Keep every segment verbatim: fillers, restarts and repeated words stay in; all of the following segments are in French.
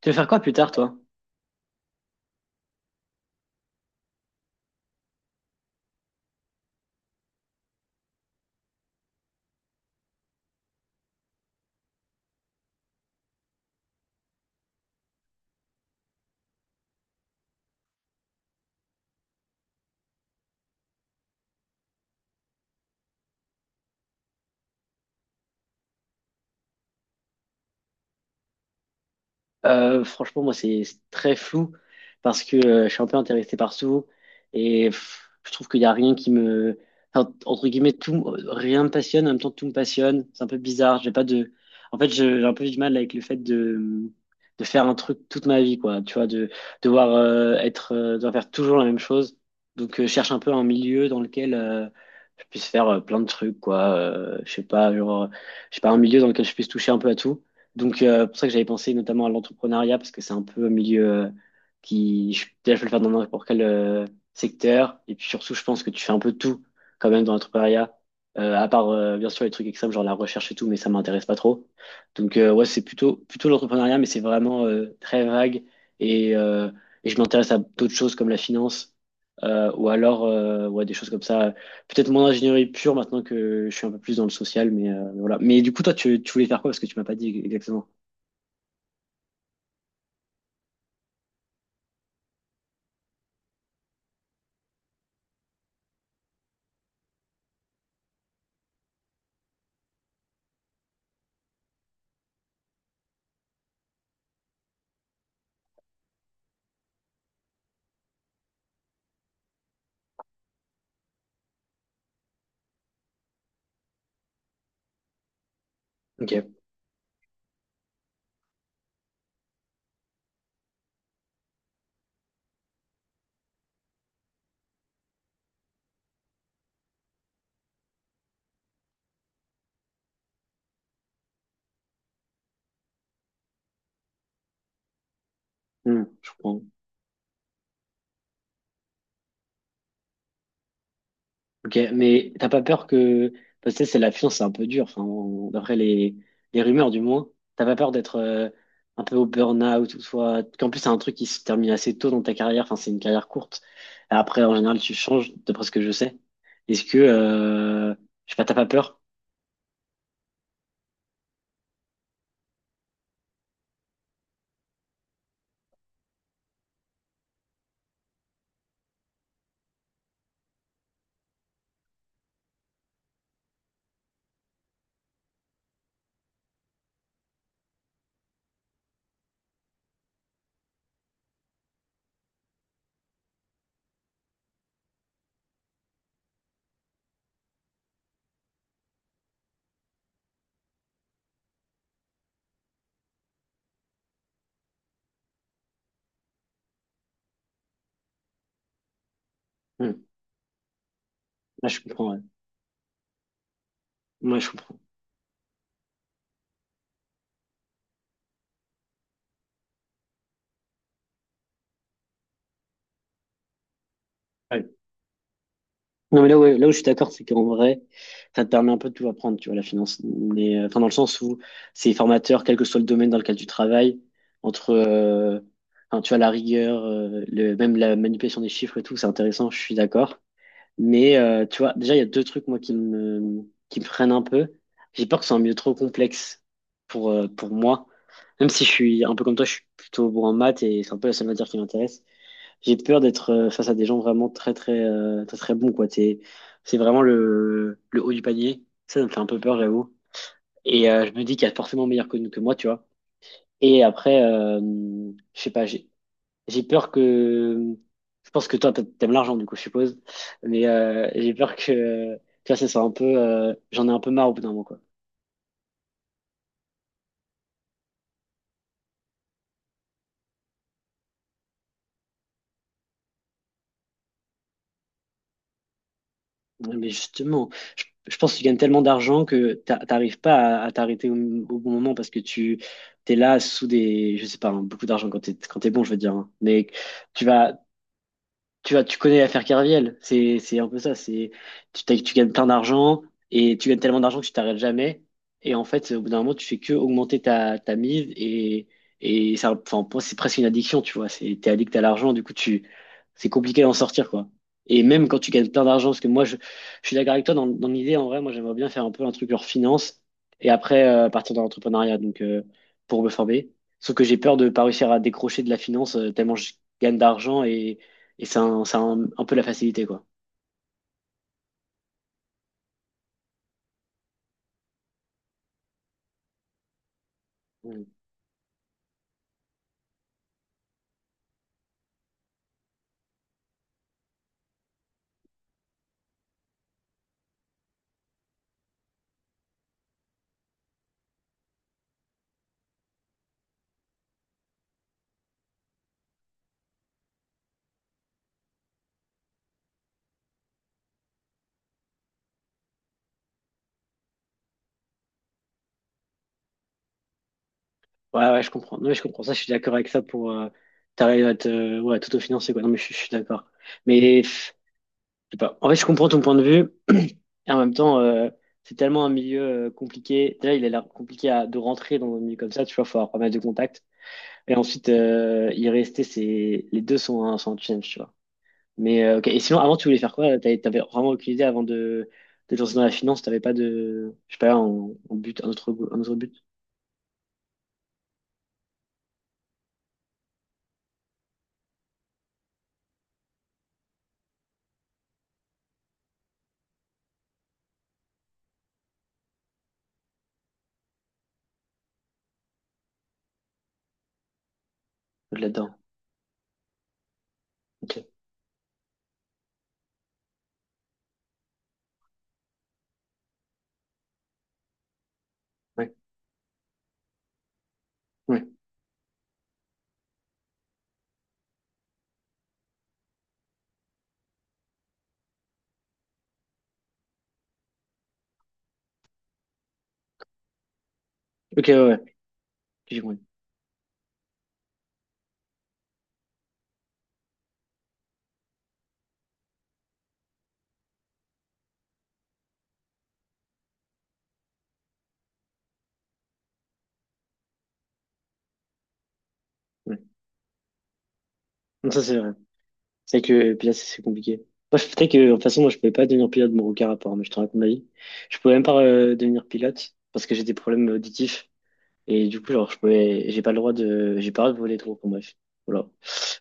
Tu veux faire quoi plus tard, toi? Euh, franchement, moi, c'est c'est très flou parce que euh, je suis un peu intéressé par tout et pff, je trouve qu'il n'y a rien qui me... enfin, entre guillemets, tout, rien me passionne, en même temps, tout me passionne. C'est un peu bizarre. J'ai pas de... En fait, je- j'ai un peu du mal avec le fait de, de faire un truc toute ma vie, quoi. Tu vois, de devoir euh, être, euh, devoir faire toujours la même chose. Donc, euh, je cherche un peu un milieu dans lequel euh, je puisse faire euh, plein de trucs, quoi. Euh, je sais pas, genre, je sais pas, un milieu dans lequel je puisse toucher un peu à tout. Donc, euh, pour ça que j'avais pensé notamment à l'entrepreneuriat, parce que c'est un peu un milieu euh, qui, je, déjà, je peux le faire dans n'importe quel euh, secteur. Et puis surtout, je pense que tu fais un peu tout quand même dans l'entrepreneuriat. Euh, à part euh, bien sûr les trucs extrêmes, genre la recherche et tout, mais ça m'intéresse pas trop. Donc, euh, ouais, c'est plutôt, plutôt l'entrepreneuriat, mais c'est vraiment euh, très vague. Et, euh, et je m'intéresse à d'autres choses comme la finance, euh, ou alors euh, ouais, des choses comme ça peut-être moins ingénierie pure maintenant que je suis un peu plus dans le social, mais euh, mais voilà. Mais du coup, toi, tu, tu voulais faire quoi? Parce que tu m'as pas dit exactement. Ok. Hmm, je comprends. Ok, mais t'as pas peur que... Parce que tu sais, c'est la finance, c'est un peu dur, enfin, on- d'après les, les rumeurs du moins. T'as pas peur d'être euh, un peu au burn-out ou soit... Qu'en plus, c'est un truc qui se termine assez tôt dans ta carrière, enfin, c'est une carrière courte. Après, en général, tu changes, d'après ce que je sais. Est-ce que... Euh... Je sais pas, t'as pas peur? Hmm. Là, je comprends, ouais. Moi, je comprends. Non, mais là, ouais, là où je suis d'accord, c'est qu'en vrai, ça te permet un peu de tout apprendre, tu vois, la finance. Mais, euh, enfin, dans le sens où c'est formateur, quel que soit le domaine dans lequel tu travailles, entre, euh, enfin, tu vois, la rigueur, euh, le, même la manipulation des chiffres et tout, c'est intéressant, je suis d'accord. Mais, euh, tu vois, déjà, il y a deux trucs, moi, qui me, qui me freinent un peu. J'ai peur que ce soit un milieu trop complexe pour, euh, pour moi. Même si je suis un peu comme toi, je suis plutôt bon en maths et c'est un peu la seule matière qui m'intéresse. J'ai peur d'être euh, face à des gens vraiment très très euh, très très bons, quoi. C'est c'est vraiment le, le haut du panier. Ça, ça me fait un peu peur, j'avoue. Et euh, je me dis qu'il y a forcément meilleur que, que moi, tu vois. Et après, euh, je sais pas, j'ai j'ai peur que. Je pense que toi, t'a- t'aimes l'argent, du coup, je suppose. Mais euh, j'ai peur que, tu vois, ça soit un peu. Euh, j'en ai un peu marre au bout d'un moment, quoi. Ouais. Mais justement, je, je pense que tu gagnes tellement d'argent que t'a- t'arrives pas à, à t'arrêter au, au bon moment parce que tu t'es là sous des, je sais pas, hein, beaucoup d'argent quand t'es quand t'es bon, je veux dire, hein. Mais tu vas, tu vois, tu connais l'affaire Kerviel, c'est c'est un peu ça, c'est tu, t'as- tu gagnes plein d'argent et tu gagnes tellement d'argent que tu t'arrêtes jamais et en fait au bout d'un moment tu fais que augmenter ta, ta mise et et ça. Enfin, pour moi, c'est presque une addiction, tu vois, c'est, t'es addict à l'argent, du coup tu, c'est compliqué d'en sortir, quoi. Et même quand tu gagnes plein d'argent, parce que moi je, je, suis d'accord avec toi dans, dans l'idée en vrai, moi j'aimerais bien faire un peu un truc leur finance et après euh, partir dans l'entrepreneuriat, donc euh, pour me former, sauf que j'ai peur de pas réussir à décrocher de la finance euh, tellement je gagne d'argent et c'est un, c'est un, un peu la facilité, quoi. Mm. Ouais, ouais, je comprends. Non, mais je comprends ça, je suis d'accord avec ça pour euh, t'arrives à te, euh, ouais, tout t'autofinancer, quoi. Non, mais je, je suis d'accord. Mais pff, je sais pas. En fait, je comprends ton point de vue. Et en même temps, euh, c'est tellement un milieu euh, compliqué. Déjà, il a l'air compliqué à, de rentrer dans un milieu comme ça, tu vois, faut avoir pas mal de contacts. Et ensuite, euh, y rester, c'est, les deux sont un, sont un challenge, tu vois. Mais, euh, ok. Et sinon, avant, tu voulais faire quoi? T'avais t'avais vraiment aucune idée avant de, de te lancer dans la finance, t'avais pas de, je sais pas, un, un but, un autre, un autre but là-dedans. Ok, ouais, ouais. Ok, ouais, ouais. Ok, j'ai compris. Ouais. Non, ça, c'est vrai. C'est vrai que pilote, c'est c'est compliqué. Moi, je, peut-être que, de toute façon, moi, je pouvais pas devenir pilote, mon aucun rapport, mais je te raconte ma vie. Je pouvais même pas euh, devenir pilote parce que j'ai des problèmes auditifs. Et du coup, genre, je pouvais, j'ai pas le droit de, j'ai pas le droit de voler trop, enfin, bref. Voilà.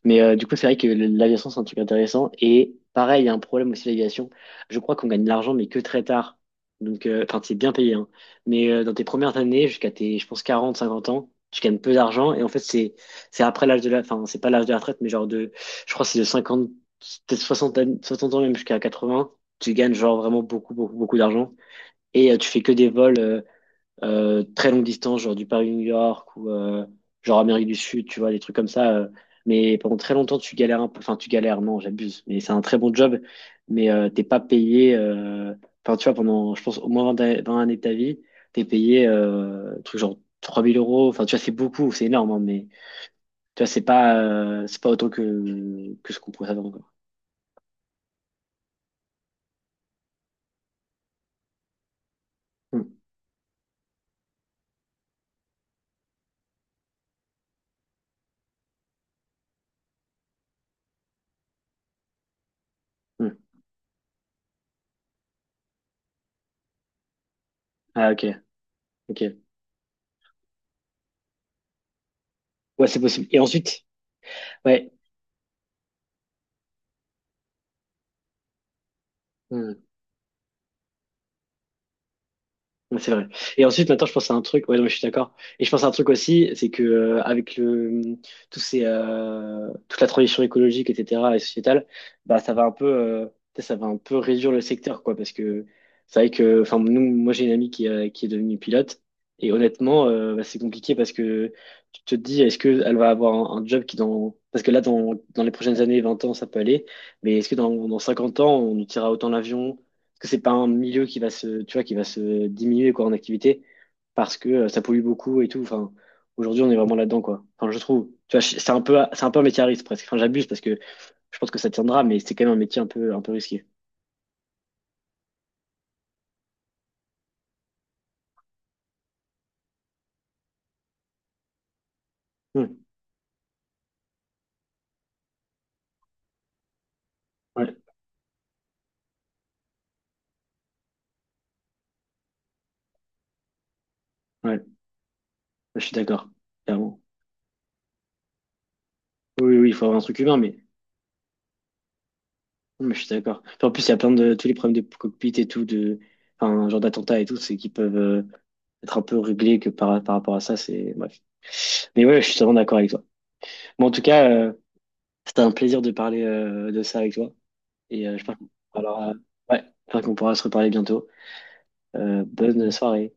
Mais euh, du coup, c'est vrai que l'aviation, c'est un truc intéressant. Et pareil, il y a un problème aussi, l'aviation. Je crois qu'on gagne de l'argent, mais que très tard. Donc, euh, enfin, c'est bien payé, hein. Mais euh, dans tes premières années, jusqu'à tes, je pense, quarante cinquante ans, tu gagnes peu d'argent. Et en fait, c'est, c'est après l'âge de la, enfin, c'est pas l'âge de la retraite, mais genre de, je crois, que c'est de cinquante peut-être soixante an- soixante ans, même jusqu'à quatre-vingts. Tu gagnes genre vraiment beaucoup, beaucoup, beaucoup d'argent. Et euh, tu fais que des vols. Euh, euh, très longue distance, genre du Paris-New York, ou euh, genre Amérique du Sud, tu vois, des trucs comme ça. Euh, mais pendant très longtemps, tu galères un peu. Enfin, tu galères, non, j'abuse. Mais c'est un très bon job, mais euh, t'es pas payé. euh, Enfin, tu vois, pendant, je pense, au moins vingt, a- vingt années de ta vie, t'es payé euh, un truc genre trois mille euros. Enfin, tu vois, c'est beaucoup, c'est énorme, hein, mais tu vois, c'est pas, euh, c'est pas autant que, que ce qu'on pourrait s'attendre, quoi. Hum, hum. Ah, ok, ok. Ouais, c'est possible. Et ensuite, ouais. Hum. Ouais, c'est vrai. Et ensuite, maintenant, je pense à un truc. Ouais, non, mais je suis d'accord. Et je pense à un truc aussi, c'est que euh, avec le tous ces euh, toute la transition écologique, et cetera, et sociétale, bah ça va un peu, euh, ça va un peu réduire le secteur, quoi, parce que c'est vrai que, enfin, nous, moi, j'ai une amie qui, euh, qui est devenue pilote, et honnêtement, euh, bah, c'est compliqué parce que tu te dis, est-ce que elle va avoir un, un job qui dans, parce que là, dans dans les prochaines années, vingt ans, ça peut aller, mais est-ce que dans dans cinquante ans, on nous tirera autant l'avion? Que c'est pas un milieu qui va se, tu vois, qui va se diminuer, quoi, en activité, parce que euh, ça pollue beaucoup et tout. Enfin, aujourd'hui, on est vraiment là-dedans, quoi. Enfin, je trouve. Tu vois, je- c'est un peu, c'est un peu, un métier à risque presque. Enfin, j'abuse, parce que je pense que ça tiendra, mais c'est quand même un métier un peu, un peu risqué. Hmm. Ouais, ouais, je suis d'accord. Clairement. Oui, oui, il faut avoir un truc humain, mais, mais je suis d'accord. Puis en plus, il y a plein de tous les problèmes de cockpit et tout, de, enfin, genre d'attentats et tout, c'est qui peuvent euh, être un peu réglés que par, par rapport à ça, c'est bref. Mais ouais, je suis totalement d'accord avec toi. Mais en tout cas. euh, C'était un plaisir de parler euh, de ça avec toi. Et euh, j'espère qu'on pourra, alors, euh, ouais, j'espère qu'on pourra se reparler bientôt. Euh, bonne soirée.